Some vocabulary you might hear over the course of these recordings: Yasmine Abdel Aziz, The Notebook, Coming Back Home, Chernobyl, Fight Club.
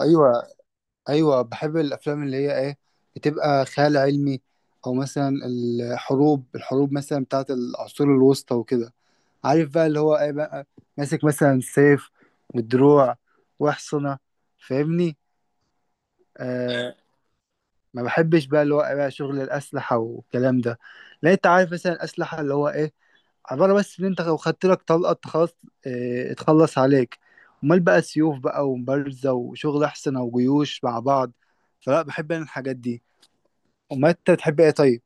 ايوه، ايوه، بحب الافلام اللي هي ايه بتبقى خيال علمي، او مثلا الحروب مثلا بتاعت العصور الوسطى وكده. عارف بقى اللي هو ايه بقى، ماسك مثلا سيف ودروع واحصنة. فاهمني؟ آه، ما بحبش بقى اللي هو إيه بقى شغل الاسلحة والكلام ده. لا انت عارف مثلا الاسلحة اللي هو ايه، عبارة بس إن أنت لو خدت لك طلقة أنت خلاص، اه اتخلص عليك. أمال بقى سيوف بقى ومبارزة وشغل أحسن أو جيوش مع بعض. فلا بحب أنا الحاجات دي. أمال أنت تحب إيه طيب؟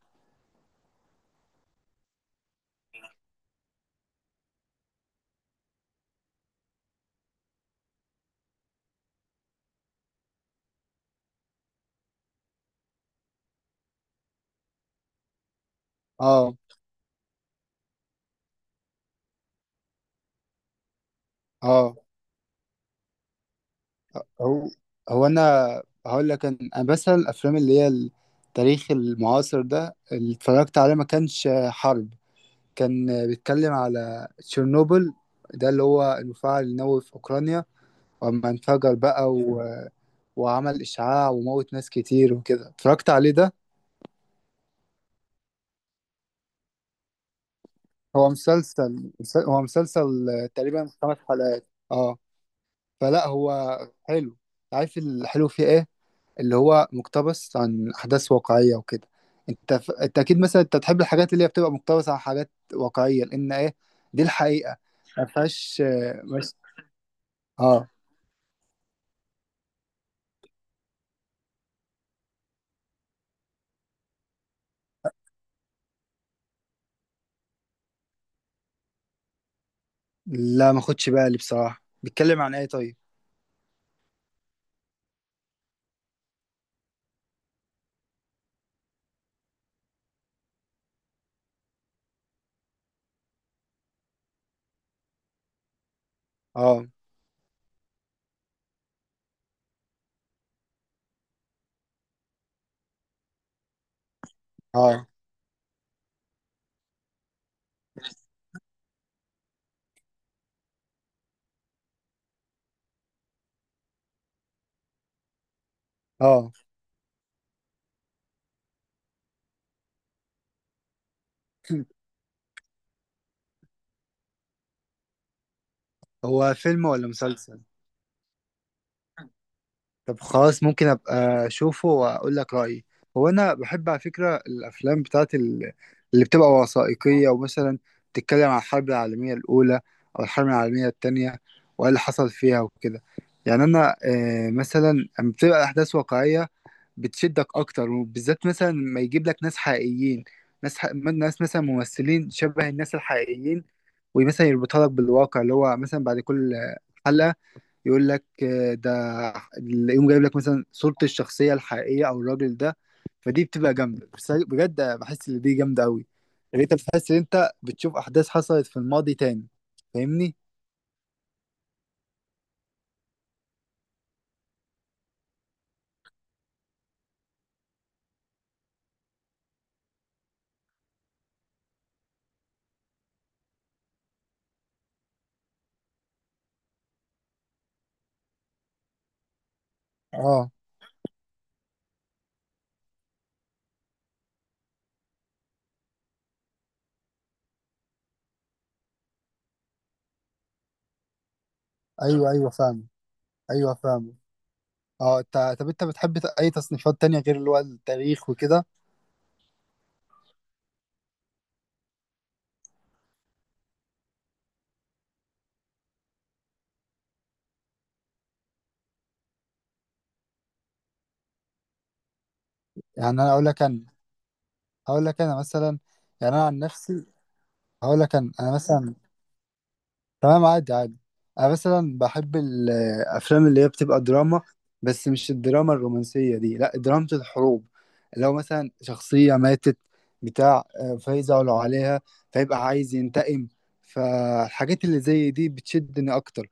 أه. أه. هو هو أنا هقول لك أنا مثلا الأفلام اللي هي التاريخ المعاصر ده اللي اتفرجت عليه ما كانش حرب. كان بيتكلم على تشيرنوبل، ده اللي هو المفاعل النووي في أوكرانيا، وأما انفجر بقى وعمل إشعاع وموت ناس كتير وكده اتفرجت عليه ده. هو مسلسل تقريبا 5 حلقات، اه. فلا هو حلو. عارف الحلو فيه ايه؟ اللي هو مقتبس عن أحداث واقعية وكده. انت اكيد مثلا انت تحب الحاجات اللي هي بتبقى مقتبسة عن حاجات واقعية لأن ايه، دي الحقيقة. ما فيهاش مش... اه. لا ما خدش بالي بصراحة، بيتكلم عن ايه طيب؟ اه. اه. اه. هو فيلم ولا مسلسل؟ طب خلاص ممكن ابقى اشوفه واقول لك رايي. هو انا بحب على فكره الافلام بتاعت اللي بتبقى وثائقيه، ومثلا بتتكلم عن الحرب العالميه الاولى او الحرب العالميه التانية وايه اللي حصل فيها وكده. يعني انا مثلا لما بتبقى احداث واقعيه بتشدك اكتر، وبالذات مثلا ما يجيب لك ناس حقيقيين، ناس مثلا ممثلين شبه الناس الحقيقيين، ومثلا يربطها لك بالواقع اللي هو مثلا بعد كل حلقه يقول لك ده، يقوم جايب لك مثلا صورة الشخصية الحقيقية أو الراجل ده. فدي بتبقى جامدة، بس أنا بجد بحس إن دي جامدة أوي. يعني أنت بتحس إن أنت بتشوف أحداث حصلت في الماضي تاني. فاهمني؟ اه. ايوه، ايوه فاهم. ايوه فاهم. اه انت، طب انت بتحب اي تصنيفات تانية غير اللي هو التاريخ وكده؟ يعني انا اقول لك انا هقول لك انا مثلا. يعني انا عن نفسي هقول لك انا مثلا. تمام، عادي عادي. انا مثلا بحب الافلام اللي هي بتبقى دراما، بس مش الدراما الرومانسيه دي، لا دراما الحروب. لو مثلا شخصيه ماتت بتاع فيزعلوا عليها فيبقى عايز ينتقم. فالحاجات اللي زي دي بتشدني اكتر،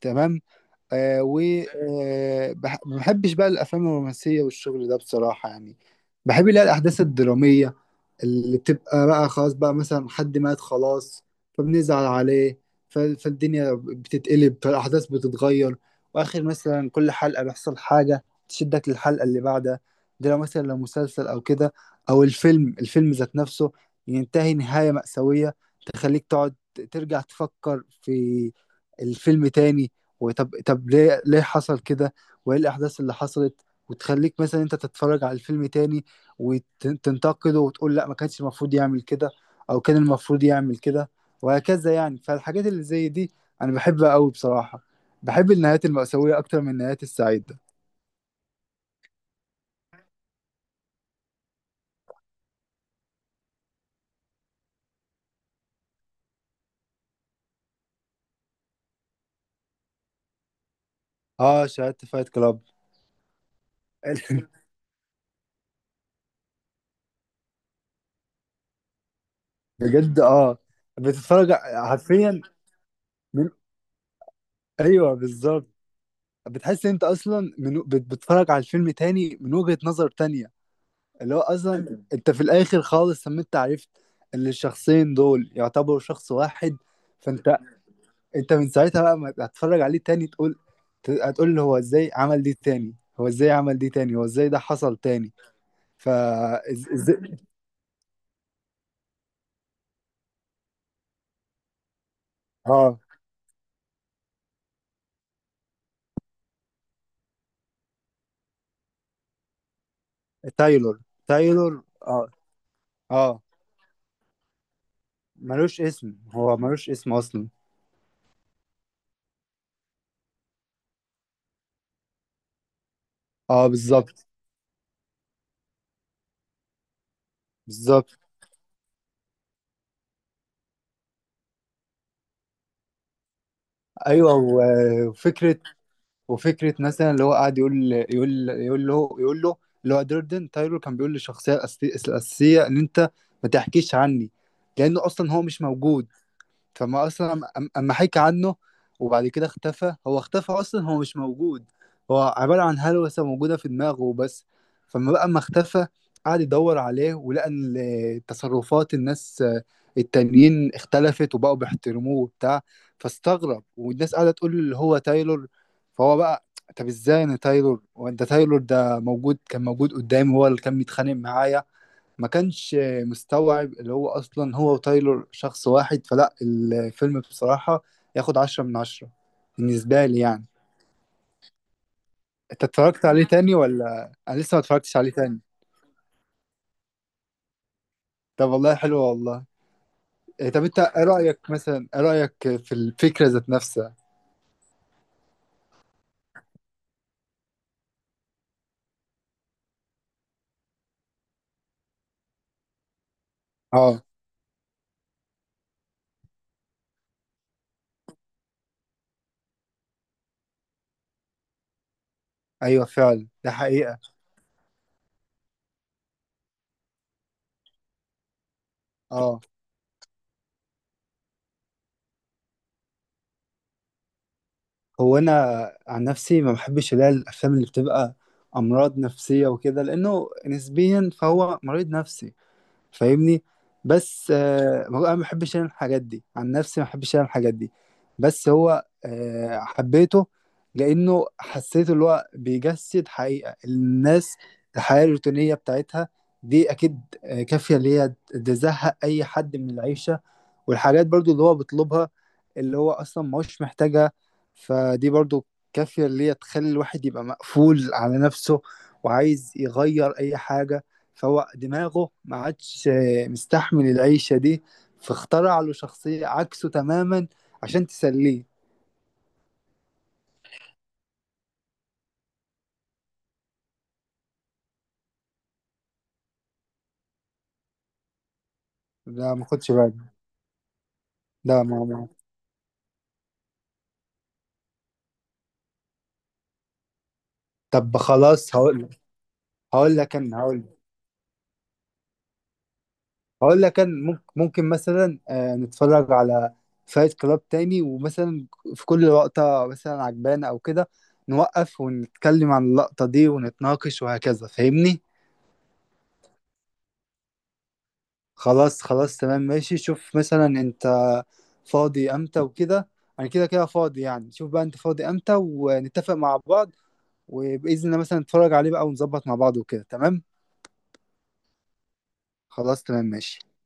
تمام. ما بحبش بقى الافلام الرومانسيه والشغل ده بصراحه يعني. بحب اللي هي الاحداث الدراميه اللي بتبقى بقى، خلاص بقى مثلا حد مات خلاص فبنزعل عليه. فالدنيا بتتقلب، فالأحداث بتتغير، وآخر مثلا كل حلقة بيحصل حاجة تشدك للحلقة اللي بعدها. ده لو مثلا لو مسلسل أو كده، أو الفيلم، الفيلم ذات نفسه ينتهي نهاية مأساوية تخليك تقعد ترجع تفكر في الفيلم تاني. وطب ليه حصل كده وإيه الأحداث اللي حصلت، وتخليك مثلا أنت تتفرج على الفيلم تاني وتنتقده وتقول لا ما كانش المفروض يعمل كده، او كان المفروض يعمل كده وهكذا يعني. فالحاجات اللي زي دي انا بحبها قوي بصراحة. بحب النهايات المأساوية اكتر من النهايات السعيدة. اه شاهدت فايت كلاب. بجد اه، بتتفرج حرفيا من. ايوه بالظبط. بتحس إن انت اصلا بتتفرج على الفيلم تاني من وجهة نظر تانية. اللي هو اصلا انت في الاخر خالص لما انت عرفت ان الشخصين دول يعتبروا شخص واحد. فانت، انت من ساعتها بقى ما هتتفرج عليه تاني تقول، هتقول له هو ازاي عمل دي تاني، هو ازاي عمل دي تاني، هو ازاي ده حصل تاني. فا. إز... إز... اه. تايلور. تايلور اه. اه ملوش اسم. هو ملوش اسم اصلا. اه بالظبط. بالظبط، ايوه. وفكره، وفكره مثلا اللي هو قاعد يقول له. اللي هو دردن تايلور كان بيقول للشخصيه الاساسيه ان انت ما تحكيش عني، لانه اصلا هو مش موجود. فما اصلا اما حكى عنه وبعد كده اختفى، هو اختفى اصلا، هو مش موجود، هو عبارة عن هلوسة موجودة في دماغه وبس. فما بقى ما اختفى قعد يدور عليه ولقى ان تصرفات الناس التانيين اختلفت وبقوا بيحترموه وبتاع. فاستغرب، والناس قاعدة تقول اللي هو تايلور. فهو بقى، طب ازاي انا تايلور وانت تايلور، ده موجود كان موجود قدامي هو اللي كان بيتخانق معايا؟ ما كانش مستوعب اللي هو اصلا هو وتايلور شخص واحد. فلا الفيلم بصراحة ياخد 10 من 10 بالنسبة لي يعني. انت اتفرجت عليه تاني ولا؟ انا لسه ما اتفرجتش عليه تاني. طب والله حلو والله. إيه، طب انت ايه رأيك مثلا، ايه رأيك في الفكرة ذات نفسها؟ اه. ايوه فعلا، ده حقيقة. اه. هو انا عن نفسي ما بحبش اللي هي الافلام اللي بتبقى امراض نفسية وكده، لانه نسبيا فهو مريض نفسي، فاهمني؟ بس آه هو انا ما بحبش انا الحاجات دي، عن نفسي ما بحبش انا الحاجات دي. بس هو آه حبيته لانه حسيت اللي هو بيجسد حقيقة الناس، الحياة الروتينية بتاعتها، دي اكيد كافية اللي هي تزهق اي حد من العيشة. والحاجات برضو اللي هو بيطلبها اللي هو اصلا ما هوش محتاجها، فدي برضو كافية اللي هي تخلي الواحد يبقى مقفول على نفسه وعايز يغير اي حاجة. فهو دماغه ما عادش مستحمل العيشة دي، فاخترع له شخصية عكسه تماما عشان تسليه. لا ما خدش بالي. لا ما. طب خلاص هقول لك. هقول لك انا هقول هقول لك كان ممكن مثلا نتفرج على فايت كلاب تاني، ومثلا في كل لقطة مثلا عجبانة أو كده نوقف ونتكلم عن اللقطة دي ونتناقش وهكذا. فاهمني؟ خلاص خلاص. تمام ماشي. شوف مثلا أنت فاضي أمتى وكده، أنا كده كده فاضي يعني. شوف بقى أنت فاضي أمتى ونتفق مع بعض وبإذن الله مثلا نتفرج عليه بقى ونظبط مع بعض وكده، تمام؟ خلاص تمام ماشي.